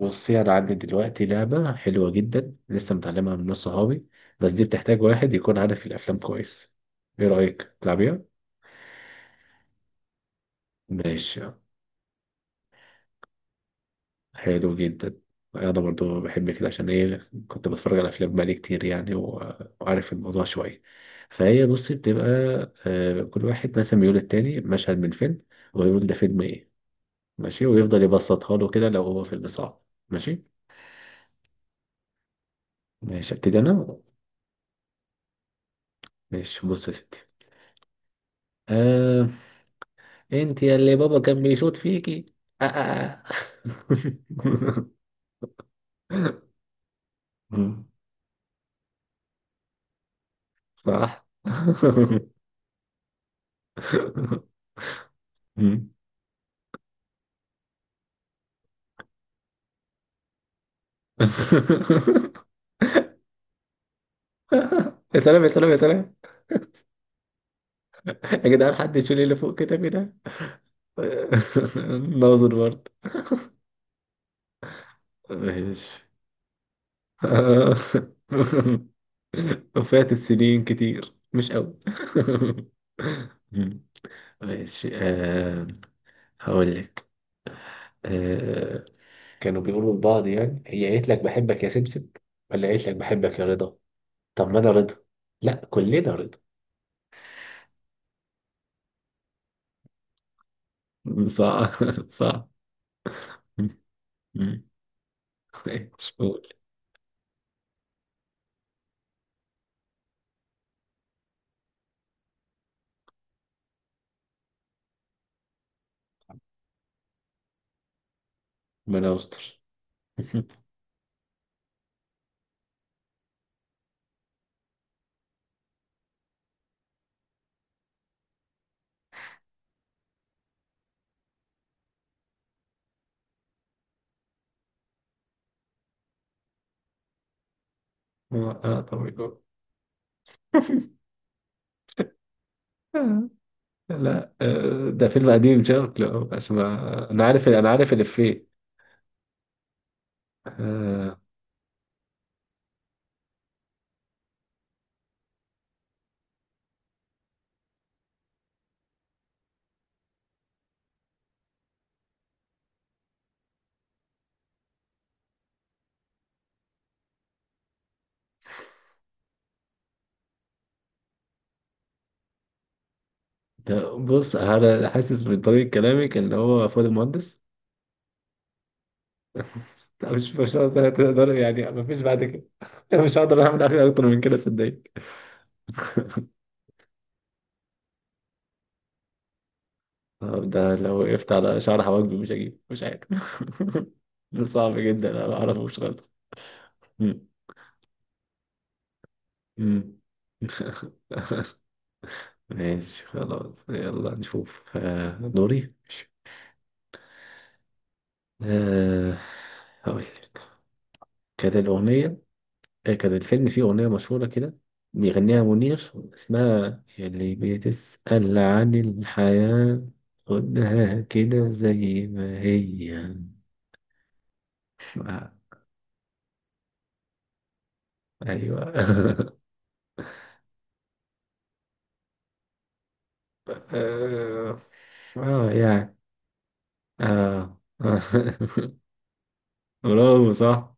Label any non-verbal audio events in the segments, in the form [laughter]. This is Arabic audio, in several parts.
بصي انا عندي دلوقتي لعبه حلوه جدا لسه متعلمها من ناس صحابي، بس دي بتحتاج واحد يكون عارف الافلام كويس. ايه رايك تلعبيها؟ ماشي. حلو جدا. انا برضو بحب كده عشان ايه، كنت بتفرج على افلام بقالي كتير يعني و- وعارف الموضوع شويه. فهي بصي بتبقى كل واحد مثلا بيقول التاني مشهد من فيلم، ويقول ده فيلم ايه. ماشي، ويفضل يبسطها له كده لو هو فيلم صعب. ماشي. ماشي ابتدي انا. ماشي، بص يا ستي. آه، انت يا اللي بابا كان بيشوط فيكي. آه آه. آه. [laughs] مم. صح. [laughs] مم. [laughs] يا سلام يا سلام يا سلام. يا جدعان حد يشيل اللي فوق كتابي ده. [laughs] ناظر برضه. ماشي. وفات [laughs] السنين كتير، مش قوي. [laughs] ماشي، آه. هقول لك، كانوا بيقولوا لبعض يعني، هي قالت لك بحبك يا سبسب، ولا قالت لك بحبك يا رضا؟ طب ما انا رضا. لا كلنا رضا. [laughs] صح. صح. مم. مش بقول؟ ربنا يستر. [laughs] اه طب يقول. [laughs] لا ده فيلم قديم شكله، عشان ما انا عارف الافيه. آه، ده بص، انا حاسس من طريقة كلامك ان هو فؤاد المهندس. [laughs] لا مش هقدر، تقدر يعني، مفيش بعد كده. [laughs] انا مش هقدر اعمل حاجه اكتر من كده صدقني. طب ده لو وقفت على شعر حواجبي مش هجيب، مش عارف. [laughs] ده صعب جدا، انا ما اعرفوش خالص. مم. مم. [laughs] ماشي خلاص، يلا نشوف دوري ماشي. آه، هقول لك. كانت الأغنية، كان الفيلم فيه أغنية مشهورة كده، بيغنيها منير، اسمها اللي بتسأل عن الحياة. خدها كده زي ما هي. آه، أيوة. [laughs] آه. آه، يعني. آه آه. [laughs] برافو، صح.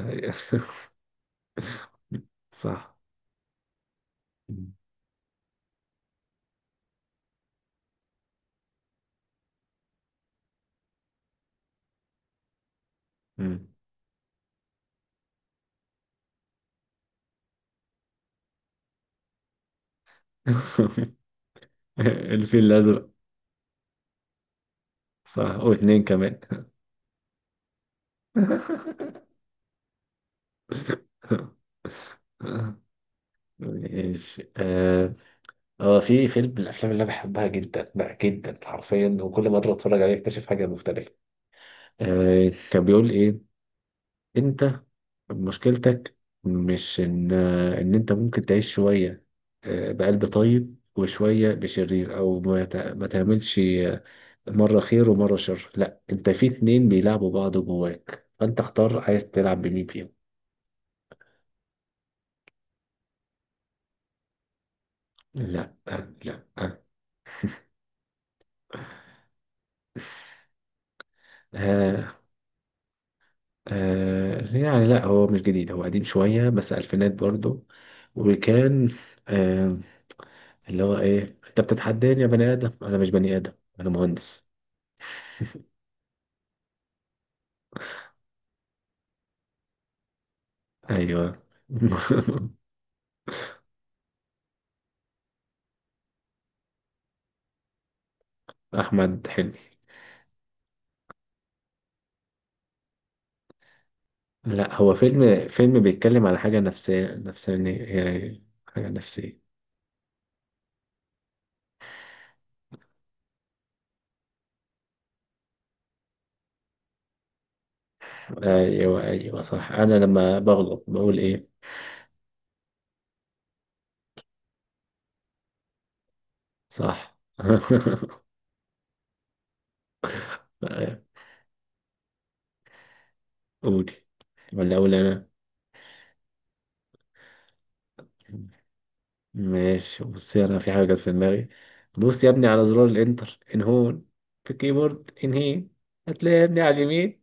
أيوة. صح. مم. [laughs] الفيل الأزرق. صح، واتنين كمان. [laughs] ماشي، آه. هو في فيلم من الافلام اللي انا بحبها جدا بقى، جدا حرفيا، وكل ما ادخل اتفرج عليه اكتشف حاجه مختلفه. آه كان بيقول ايه، انت مشكلتك مش ان ان انت ممكن تعيش شويه آه بقلب طيب وشويه بشرير، او ما تعملش مره خير ومره شر. لا، انت في اتنين بيلعبوا بعض جواك، فانت اختار عايز تلعب بمين فيهم. لا لا. آه. آه، يعني لا هو مش جديد، هو قديم شوية بس ألفينات برضو. وكان آه اللي هو إيه، أنت بتتحداني يا بني آدم؟ أنا مش بني آدم، أنا مهندس. أيوه. [laughs] أحمد حلمي. لا، هو فيلم بيتكلم على حاجة نفسية نفسانية، يعني حاجة نفسية. أيوه أيوه صح. أنا لما بغلط بقول إيه؟ صح. [laughs] قولي ولا أقول أنا؟ ماشي، بصي انا في حاجه جت في دماغي. بص يا ابني على زرار الانتر ان هون، في الكيبورد ان هي، هتلاقي يا ابني على اليمين.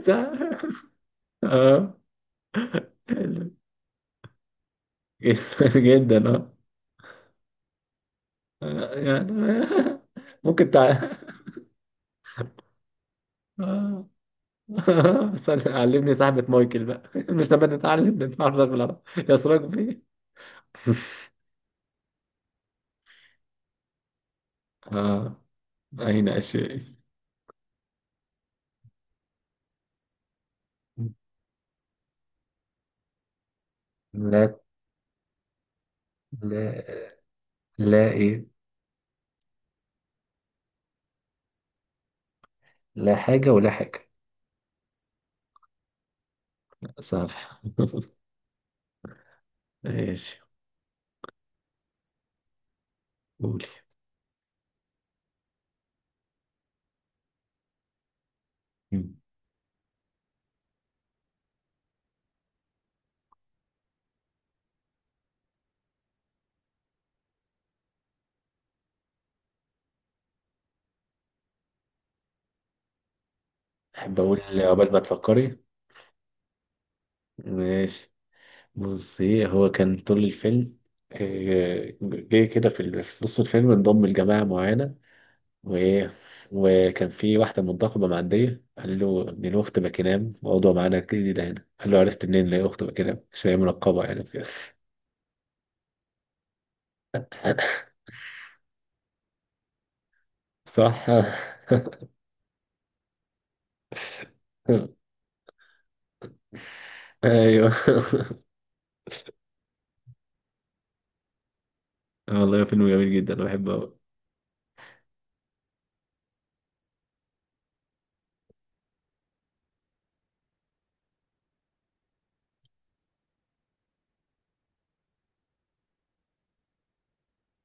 [laughs] صح. اه. [laughs] جدا اه. آه، يعني. [laughs] ممكن تع... آه. [laughs] علمني صاحبة مايكل بقى، [laughs] مش لما نتعلم نتعرف بالعربي يا سراج بيه. [laughs] اه، أين أشياء. لا، لا لا إيه. لا حاجة ولا حاجة. صح. [laughs] ماشي، قولي. مم. أحب أقول عقبال ما تفكري. ماشي، بصي هو كان طول الفيلم، جه كده في في نص الفيلم انضم لجماعة معينة، وإيه، وكان في واحدة منتخبة معدية قال له إن له أخت باكينام، موضوع معانا جديدة هنا، قال له عرفت منين إن هي أخت باكينام؟ عشان هي منقبة يعني كده. صح. [laughs] أيوه. [laughs] والله فيلم جميل جدا، أنا بحبه أوي.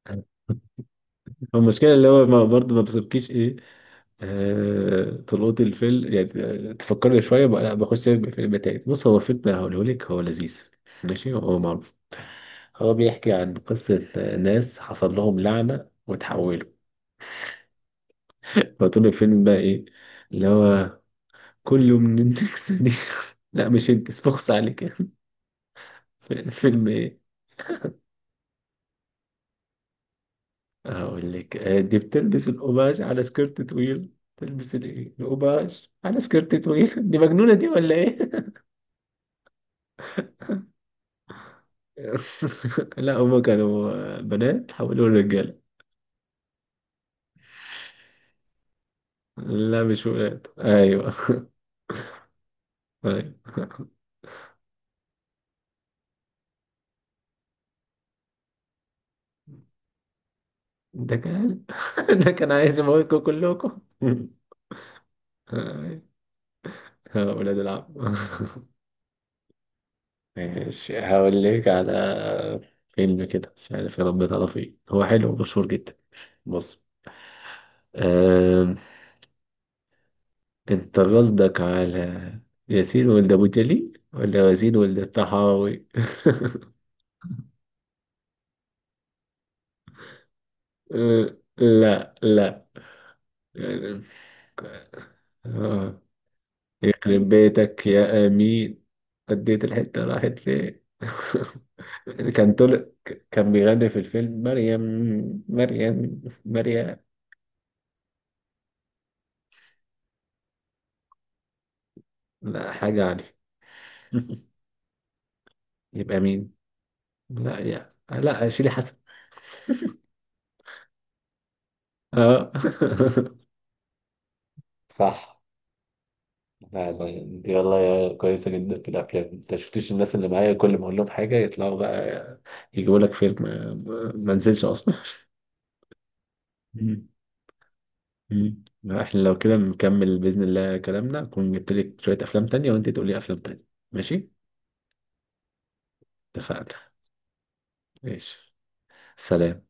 [laughs] هو المشكلة اللي هو برضه ما بيسيبكيش ايه، طلوعات الفيلم يعني. تفكرني شوية بقى، لا بخش الفيلم تاني. بص، هو فيلم هقوله لك هو لذيذ، ماشي؟ هو معروف. هو بيحكي عن قصة ناس حصل لهم لعنة وتحولوا. فطول الفيلم بقى إيه اللي هو، كل من إنك صديق. [laughs] لا مش أنت، بخص عليك يعني. [laughs] فيلم إيه؟ هقول لك دي بتلبس القماش على سكيرت طويل، تلبس الإيه القماش على سكيرت طويل. [laughs] دي مجنونة دي ولا إيه؟ [laughs] لا هما كانوا بنات حولوا لرجالة. لا مش ولاد، ايوه. [laughs] ايوه. ده كان [laughs] ده كان عايز يموتكم كلكم. [laughs] أيوة. يا ولاد العم. ماشي، هقول لك على فيلم كده مش عارف، يا رب تعرف ايه. هو حلو ومشهور جدا. بص، آه، انت قصدك على ياسين ولد ابو جليل ولا ياسين ولد الطحاوي؟ [laughs] لا. لا. آه. يخرب بيتك يا امين، اديت الحته راحت فين. [laughs] كان طلع، كان بيغني في الفيلم مريم، مريم. لا حاجه علي. [laughs] يبقى مين؟ لا يا، لا شيلي حسن. [laughs] اه. [laughs] صح. لا دي والله يا كويسة جدا في الأفلام، أنت شفتش الناس اللي معايا كل ما أقول لهم حاجة يطلعوا بقى يجيبوا لك فيلم ما نزلش أصلا. [laughs] لا، احنا لو كده نكمل بإذن الله كلامنا، أكون جبت لك شوية أفلام تانية وأنت تقولي أفلام تانية. ماشي. اتفقنا. ماشي. سلام.